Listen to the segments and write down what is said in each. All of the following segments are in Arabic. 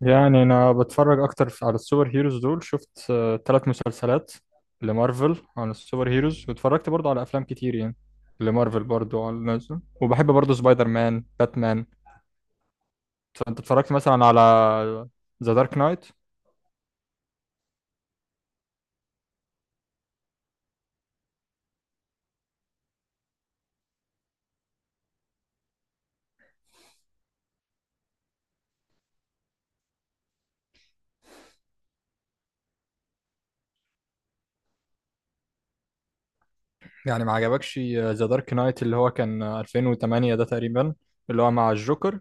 يعني انا بتفرج اكتر على السوبر هيروز دول. شفت 3 مسلسلات لمارفل عن السوبر هيروز، واتفرجت برضو على افلام كتير يعني لمارفل برضو على نازل. وبحب برضو سبايدر مان، باتمان. فانت اتفرجت مثلا على ذا دارك نايت؟ يعني ما عجبكش ذا دارك نايت اللي هو كان 2008 ده تقريبا، اللي هو مع الجوكر؟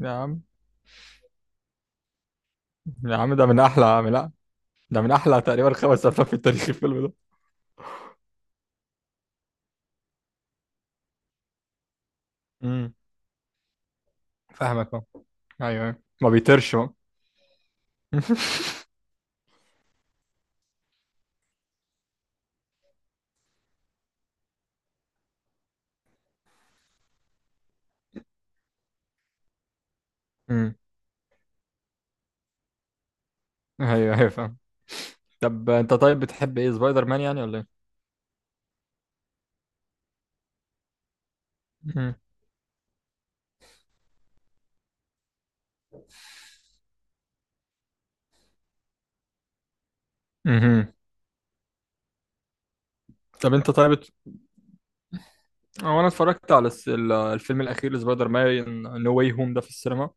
يا عم، يا عم، ده من احلى تقريبا 5 افلام في التاريخ، الفيلم ده. امم فاهمك أهو. ايوه، أيوة، ما بيطيرش هو. امم ايوه، ايوه، فاهم. طب انت بتحب ايه سبايدر مان يعني، ولا ايه؟ مهم. مهم. طب انت طيب بت- هو انا اتفرجت على الفيلم الاخير لسبايدر مان نو واي هوم ده في السينما.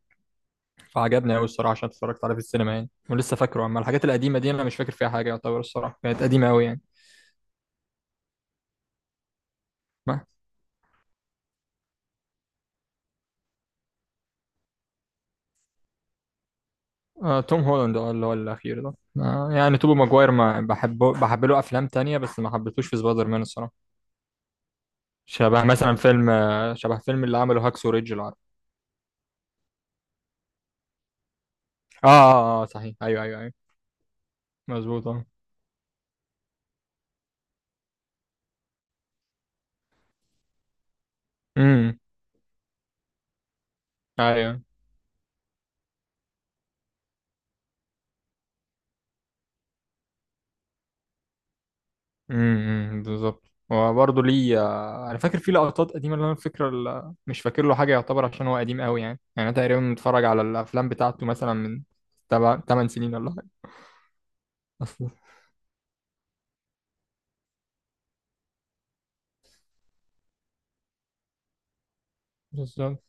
فعجبني قوي الصراحه عشان اتفرجت عليه في السينما يعني، ولسه فاكره. اما الحاجات القديمه دي انا مش فاكر فيها حاجه يعتبر، الصراحه كانت قديمه قوي يعني. ما. توم هولاند، اللي هو الاخير ده. يعني توبي ماجواير ما بحبه، بحب له افلام تانية، بس ما حبيتهوش في سبايدر مان الصراحه. شبه فيلم اللي عمله هاكسو ريدج العربي. اه، اه، اه، صحيح. ايوه، ايوه، ايوه. مظبوط، اه. امم ايوه. بالظبط. هو برضه ليه، انا فاكر فيه لقطات قديمه، اللي انا فاكر مش فاكر له حاجه يعتبر، عشان هو قديم قوي يعني انا تقريبا متفرج على الافلام بتاعته مثلا من تبع 8 سنين ولا حاجه اصلا. بالظبط.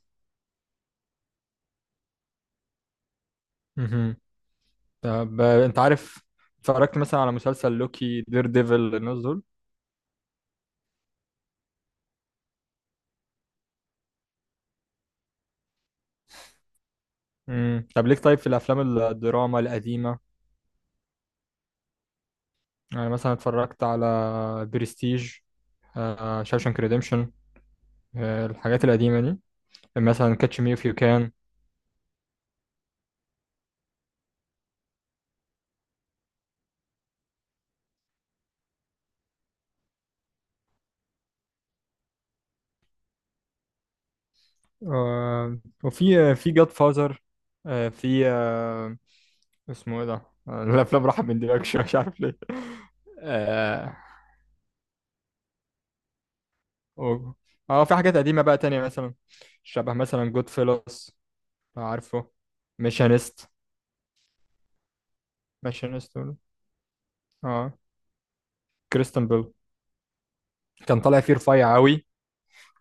امم طب، انت عارف اتفرجت مثلا على مسلسل لوكي، دير ديفل، الناس دول؟ طب ليك، طيب، في الافلام الدراما القديمه؟ يعني مثلا اتفرجت على برستيج، شاوشانك ريديمشن، الحاجات القديمه دي، مثلا كاتش مي اوف يو كان. آه، وفي في جاد فازر. في، اسمه ايه ده؟ الافلام راحت من دماغي شوية، مش عارف ليه. اه. و- في حاجات قديمة بقى تانية مثلا، شبه مثلا جود فيلوس، عارفه؟ ميشانست. ميشانست، اه. كريستن بيل، كان طالع فيه رفيع قوي.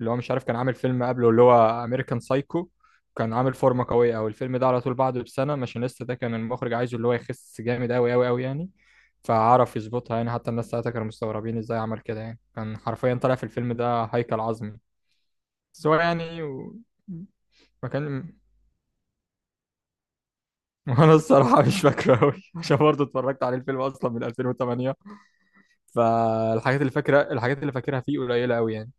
اللي هو مش عارف، كان عامل فيلم قبله اللي هو امريكان سايكو. كان عامل فورمه قويه. او الفيلم ده على طول بعده بسنه، ماشينيستا ده كان المخرج عايزه اللي هو يخس جامد قوي قوي قوي يعني. فعرف يظبطها يعني. حتى الناس ساعتها كانوا مستغربين ازاي عمل كده يعني، كان حرفيا طالع في الفيلم ده هيكل عظمي. بس هو يعني و... ما كان وانا الصراحه مش فاكره قوي، عشان برضه اتفرجت عليه الفيلم اصلا من 2008. فالحاجات اللي فاكره الحاجات اللي فاكرها فيه قليله قوي يعني.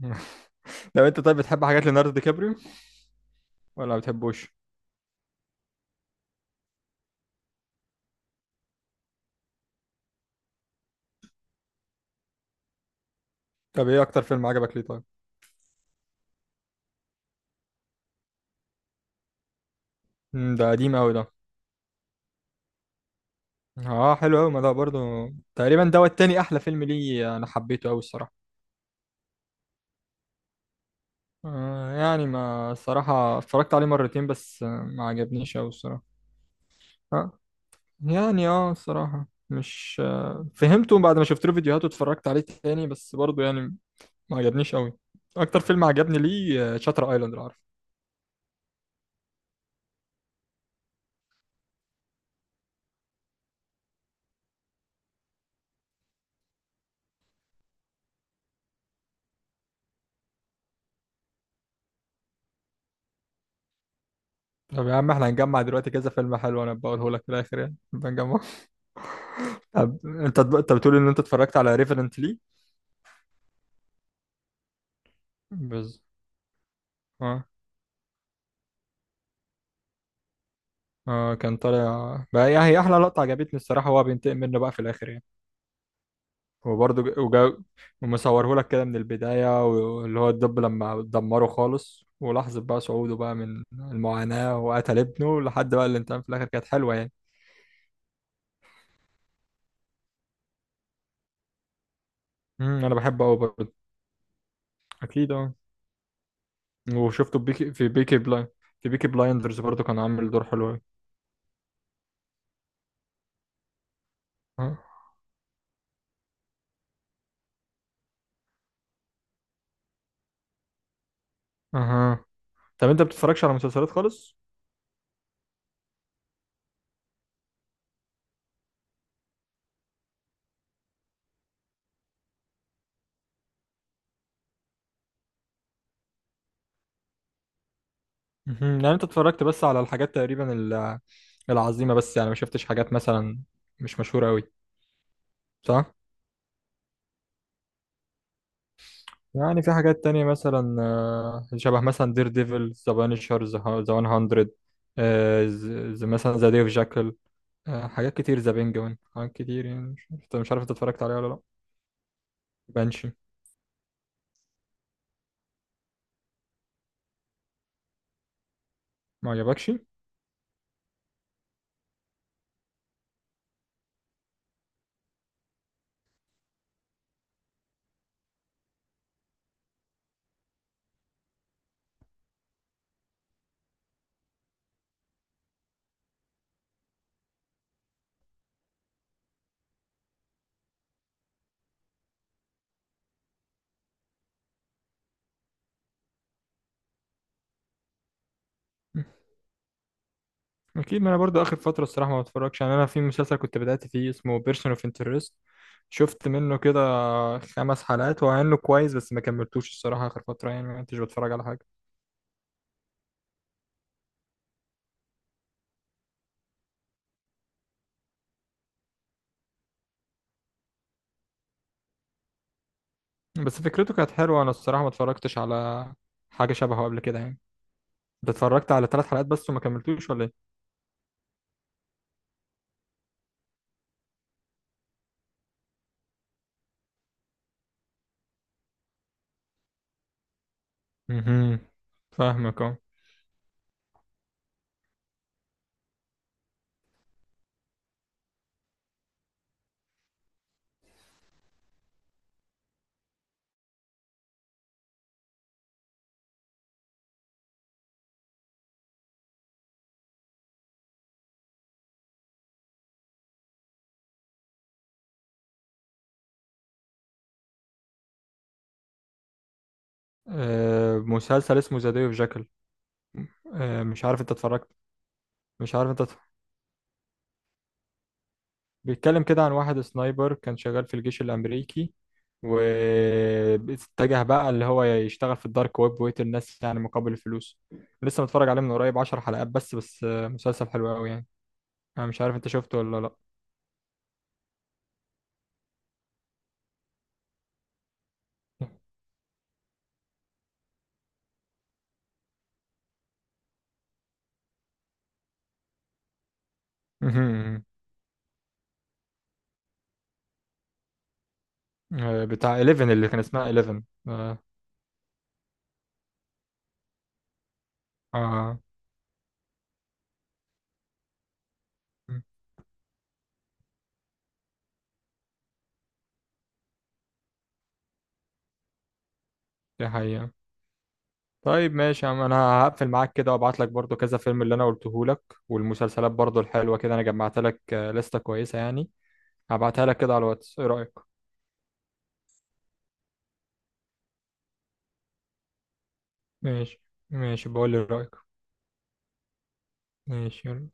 لو انت طيب، بتحب حاجات ليوناردو دي كابريو ولا ما بتحبوش؟ طب ايه اكتر فيلم عجبك ليه، طيب؟ ده قديم قوي ده. اه، حلو قوي. ما ده برضو تقريبا دوت تاني احلى فيلم ليه، انا حبيته قوي الصراحه. يعني ما الصراحه اتفرجت عليه مرتين بس، ما عجبنيش قوي الصراحه. آه يعني الصراحه مش فهمته بعد ما شفت له فيديوهات واتفرجت عليه تاني، بس برضو يعني ما عجبنيش قوي. اكتر فيلم عجبني ليه شاتر ايلاند، لو عارف. طب يا عم، احنا هنجمع دلوقتي كذا فيلم حلو، انا بقوله لك في الاخر يعني بنجمع. طب انت بتقول ان انت اتفرجت على ريفرنت ليه؟ بس اه، كان طالع بقى يعني. هي احلى لقطه عجبتني الصراحه، هو بينتقم منه بقى في الاخر يعني. وبرضه وجا ومصوره لك كده من البدايه، واللي هو الدب لما دمره خالص، ولحظه بقى صعوده بقى من المعاناه وقتل ابنه لحد بقى الانتقام في الاخر، كانت حلوه يعني. انا بحبه قوي برضه. اكيد، اه. وشفته بيكي في بيكي بلاين في بيكي بلايندرز برضه، كان عامل دور حلو قوي. اه. اها. طب انت بتتفرجش على مسلسلات خالص؟ مهم. يعني انت اتفرجت بس على الحاجات تقريبا العظيمة بس، يعني ما شفتش حاجات مثلا مش مشهورة قوي، صح؟ يعني في حاجات تانية مثلا، شبه مثلا دير ديفل، ذا بانشر، ذا 100، مثلا ذا ديف جاكل، حاجات كتير، ذا بينجوين، حاجات كتير يعني. مش عارف انت اتفرجت عليها ولا لا. بانشي، ما عجبكش؟ اكيد. ما انا برضو اخر فتره الصراحه ما بتفرجش يعني، انا في مسلسل كنت بدات فيه اسمه بيرسون اوف انترست. شفت منه كده 5 حلقات، هو انه كويس بس ما كملتوش الصراحه، اخر فتره يعني ما كنتش بتفرج على حاجه. بس فكرته كانت حلوه. انا الصراحه ما اتفرجتش على حاجه شبهه قبل كده يعني. انت اتفرجت على 3 حلقات بس وما كملتوش، ولا ايه؟ امم فاهمك، اه. مسلسل اسمه ذا داي اوف جاكل، مش عارف انت اتفرجت. مش عارف انت بيتكلم كده عن واحد سنايبر كان شغال في الجيش الأمريكي، واتجه بقى اللي هو يشتغل في الدارك ويب، ويقتل الناس يعني مقابل الفلوس. لسه متفرج عليه من قريب 10 حلقات، بس، مسلسل حلو قوي يعني. أنا مش عارف أنت شفته ولا لأ. مهم. بتاع 11 اللي كان اسمها 11، اه. آه. دي حقيقة. طيب ماشي يا عم، انا هقفل معاك كده، وابعت لك برضو كذا فيلم اللي انا قلته لك. والمسلسلات برضو الحلوة كده انا جمعت لك لستة كويسة يعني. هبعتها لك كده على الواتس، ايه رأيك؟ ماشي. ماشي، بقول لي رأيك. ماشي، يلا.